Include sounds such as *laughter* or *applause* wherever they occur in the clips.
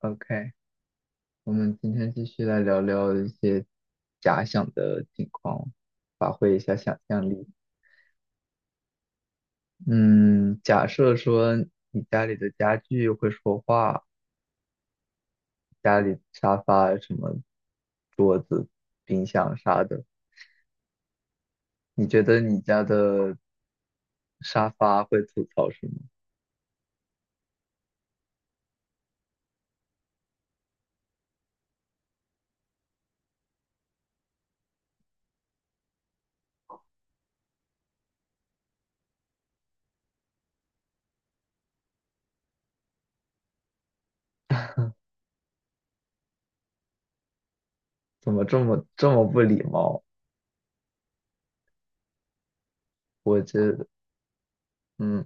OK，我们今天继续来聊聊一些假想的情况，发挥一下想象力。嗯，假设说你家里的家具会说话，家里沙发、什么桌子、冰箱啥的，你觉得你家的沙发会吐槽什么？怎么这么不礼貌？我这，嗯，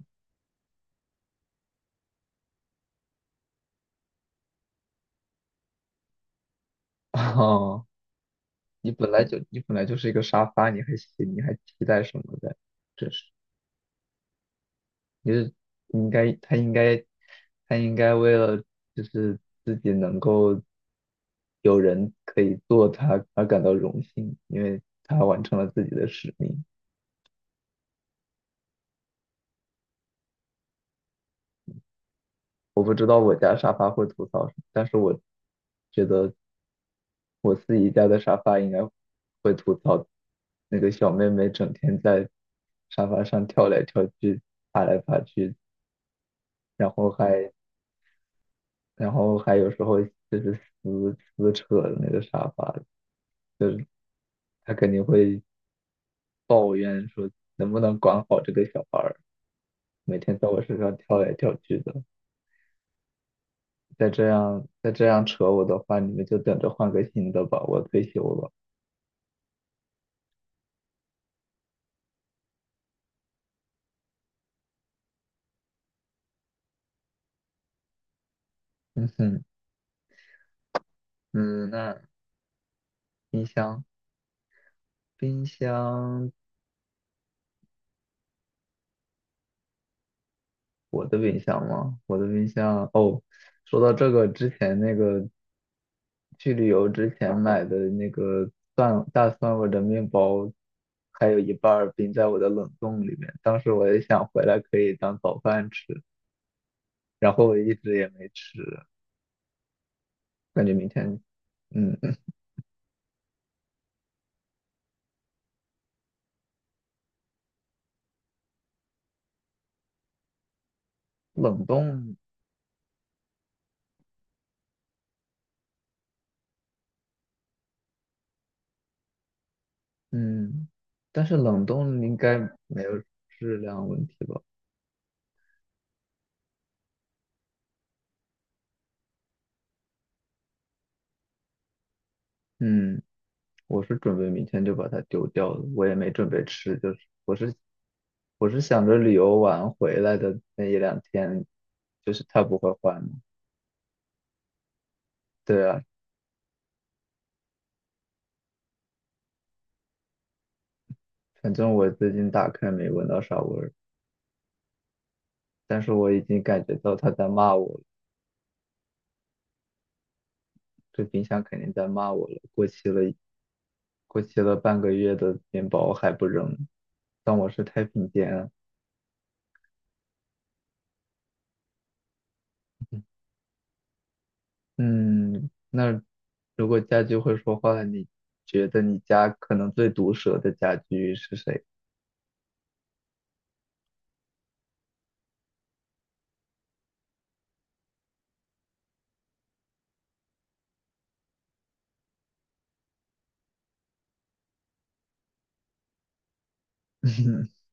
*laughs* 哦，你本来就是一个沙发，你还你还期待什么的？真是。就是应该他应该他应该为了就是自己能够有人可以做他而感到荣幸，因为他完成了自己的使命。我不知道我家沙发会吐槽什么，但是我觉得我自己家的沙发应该会吐槽那个小妹妹整天在沙发上跳来跳去、爬来爬去，然后还然后还有时候就是撕扯那个沙发，就是他肯定会抱怨说能不能管好这个小孩儿，每天在我身上跳来跳去的，再这样扯我的话，你们就等着换个新的吧，我退休了。嗯嗯，那冰箱冰箱，我的冰箱吗？我的冰箱,说到这个之前那个去旅游之前买的那个大蒜味的面包。还有一半儿冰在我的冷冻里面，当时我也想回来可以当早饭吃，然后我一直也没吃，感觉明天，嗯，嗯冷冻，嗯，但是冷冻应该没有质量问题吧？嗯，我是准备明天就把它丢掉了，我也没准备吃，就是我是我是想着旅游完回来的那一两天，就是它不会坏嘛。对啊，反正我最近打开没闻到啥味儿，但是我已经感觉到它在骂我了，这冰箱肯定在骂我了，过期了半个月的面包还不扔，当我是太平间啊。嗯，那如果家具会说话，你觉得你家可能最毒舌的家具是谁？*laughs*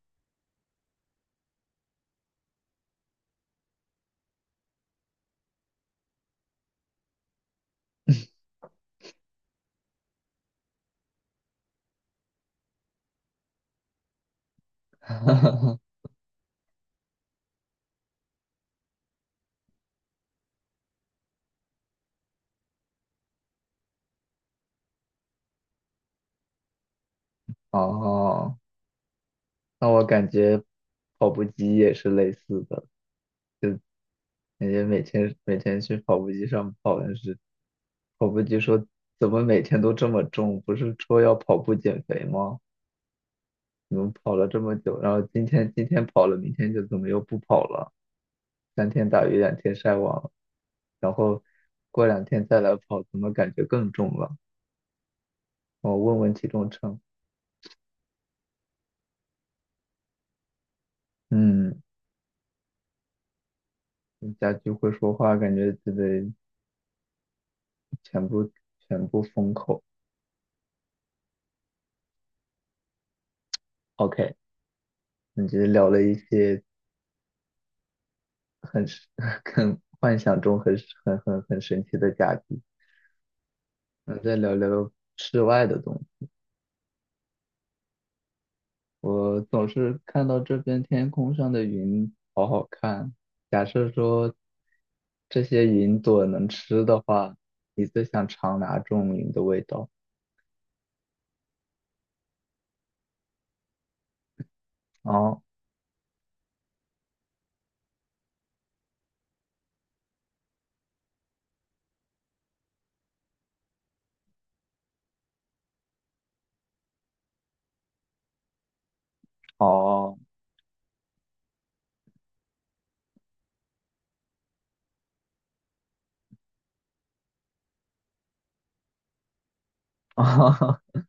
哈哈，哦，那我感觉跑步机也是类似的，感觉每天去跑步机上跑，但是跑步机说怎么每天都这么重？不是说要跑步减肥吗？怎么跑了这么久，然后今天跑了，明天就怎么又不跑了？三天打鱼两天晒网，然后过两天再来跑，怎么感觉更重了？我问问体重秤，嗯，家居会说话，感觉自己全部全部封口。OK,你这聊了一些很神 *laughs* 很幻想中很很神奇的家居，那再聊聊室外的东西。我总是看到这边天空上的云好好看。假设说这些云朵能吃的话，你最想尝哪种云的味道？哦哦，*laughs*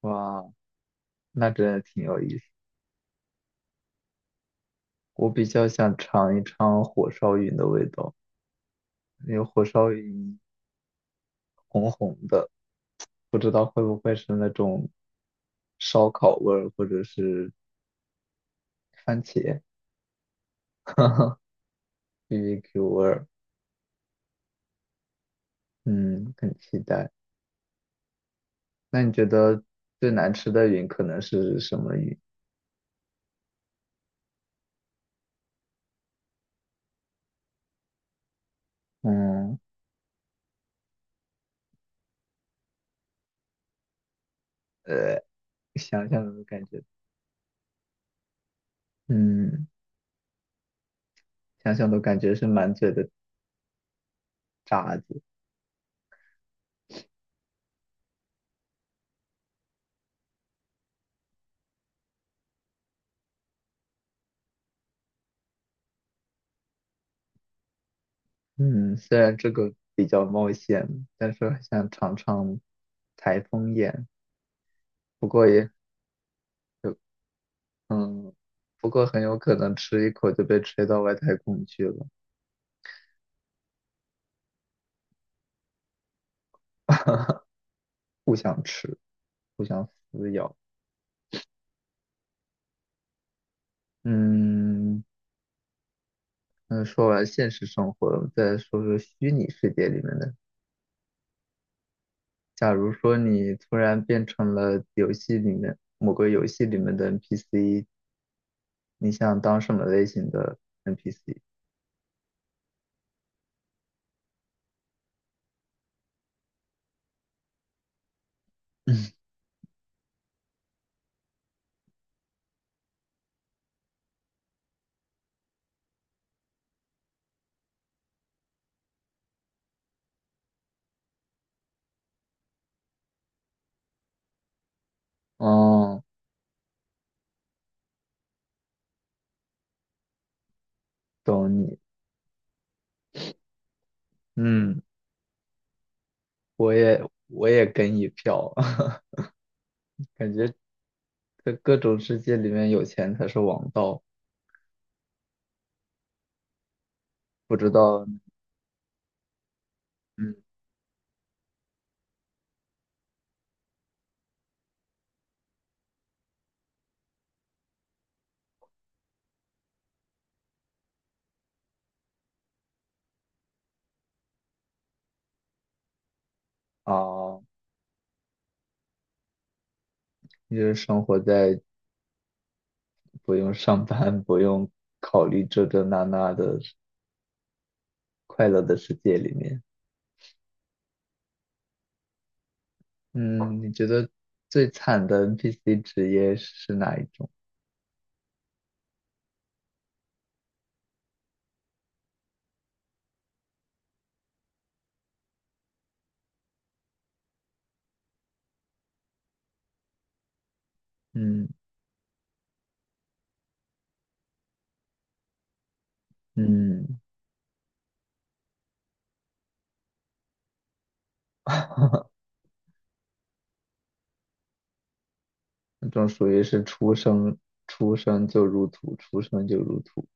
哇，那真的挺有意思。我比较想尝一尝火烧云的味道，因为火烧云红红的，不知道会不会是那种烧烤味儿，或者是番茄 *laughs* 哈哈 BBQ *laughs* 味儿。嗯，很期待。那你觉得最难吃的云可能是什么云？嗯，呃，想想都感觉，嗯，想想都感觉是满嘴的渣子。嗯，虽然这个比较冒险，但是很想尝尝台风眼。不过也有，嗯，不过很有可能吃一口就被吹到外太空去了。*laughs* 不想吃，不想撕咬。嗯，那说完现实生活，我们再说说虚拟世界里面的。假如说你突然变成了游戏里面的 NPC,你想当什么类型的 NPC?嗯，*laughs* 哦，懂你。嗯，我也我也跟一票，*laughs* 感觉在各种世界里面有钱才是王道。不知道，嗯啊，就是生活在不用上班、不用考虑这那的快乐的世界里面。嗯，你觉得最惨的 NPC 职业是哪一种？嗯嗯，*laughs* 那种属于是出生就入土，出生就入土，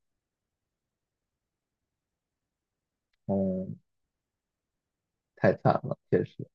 嗯，太惨了，确实。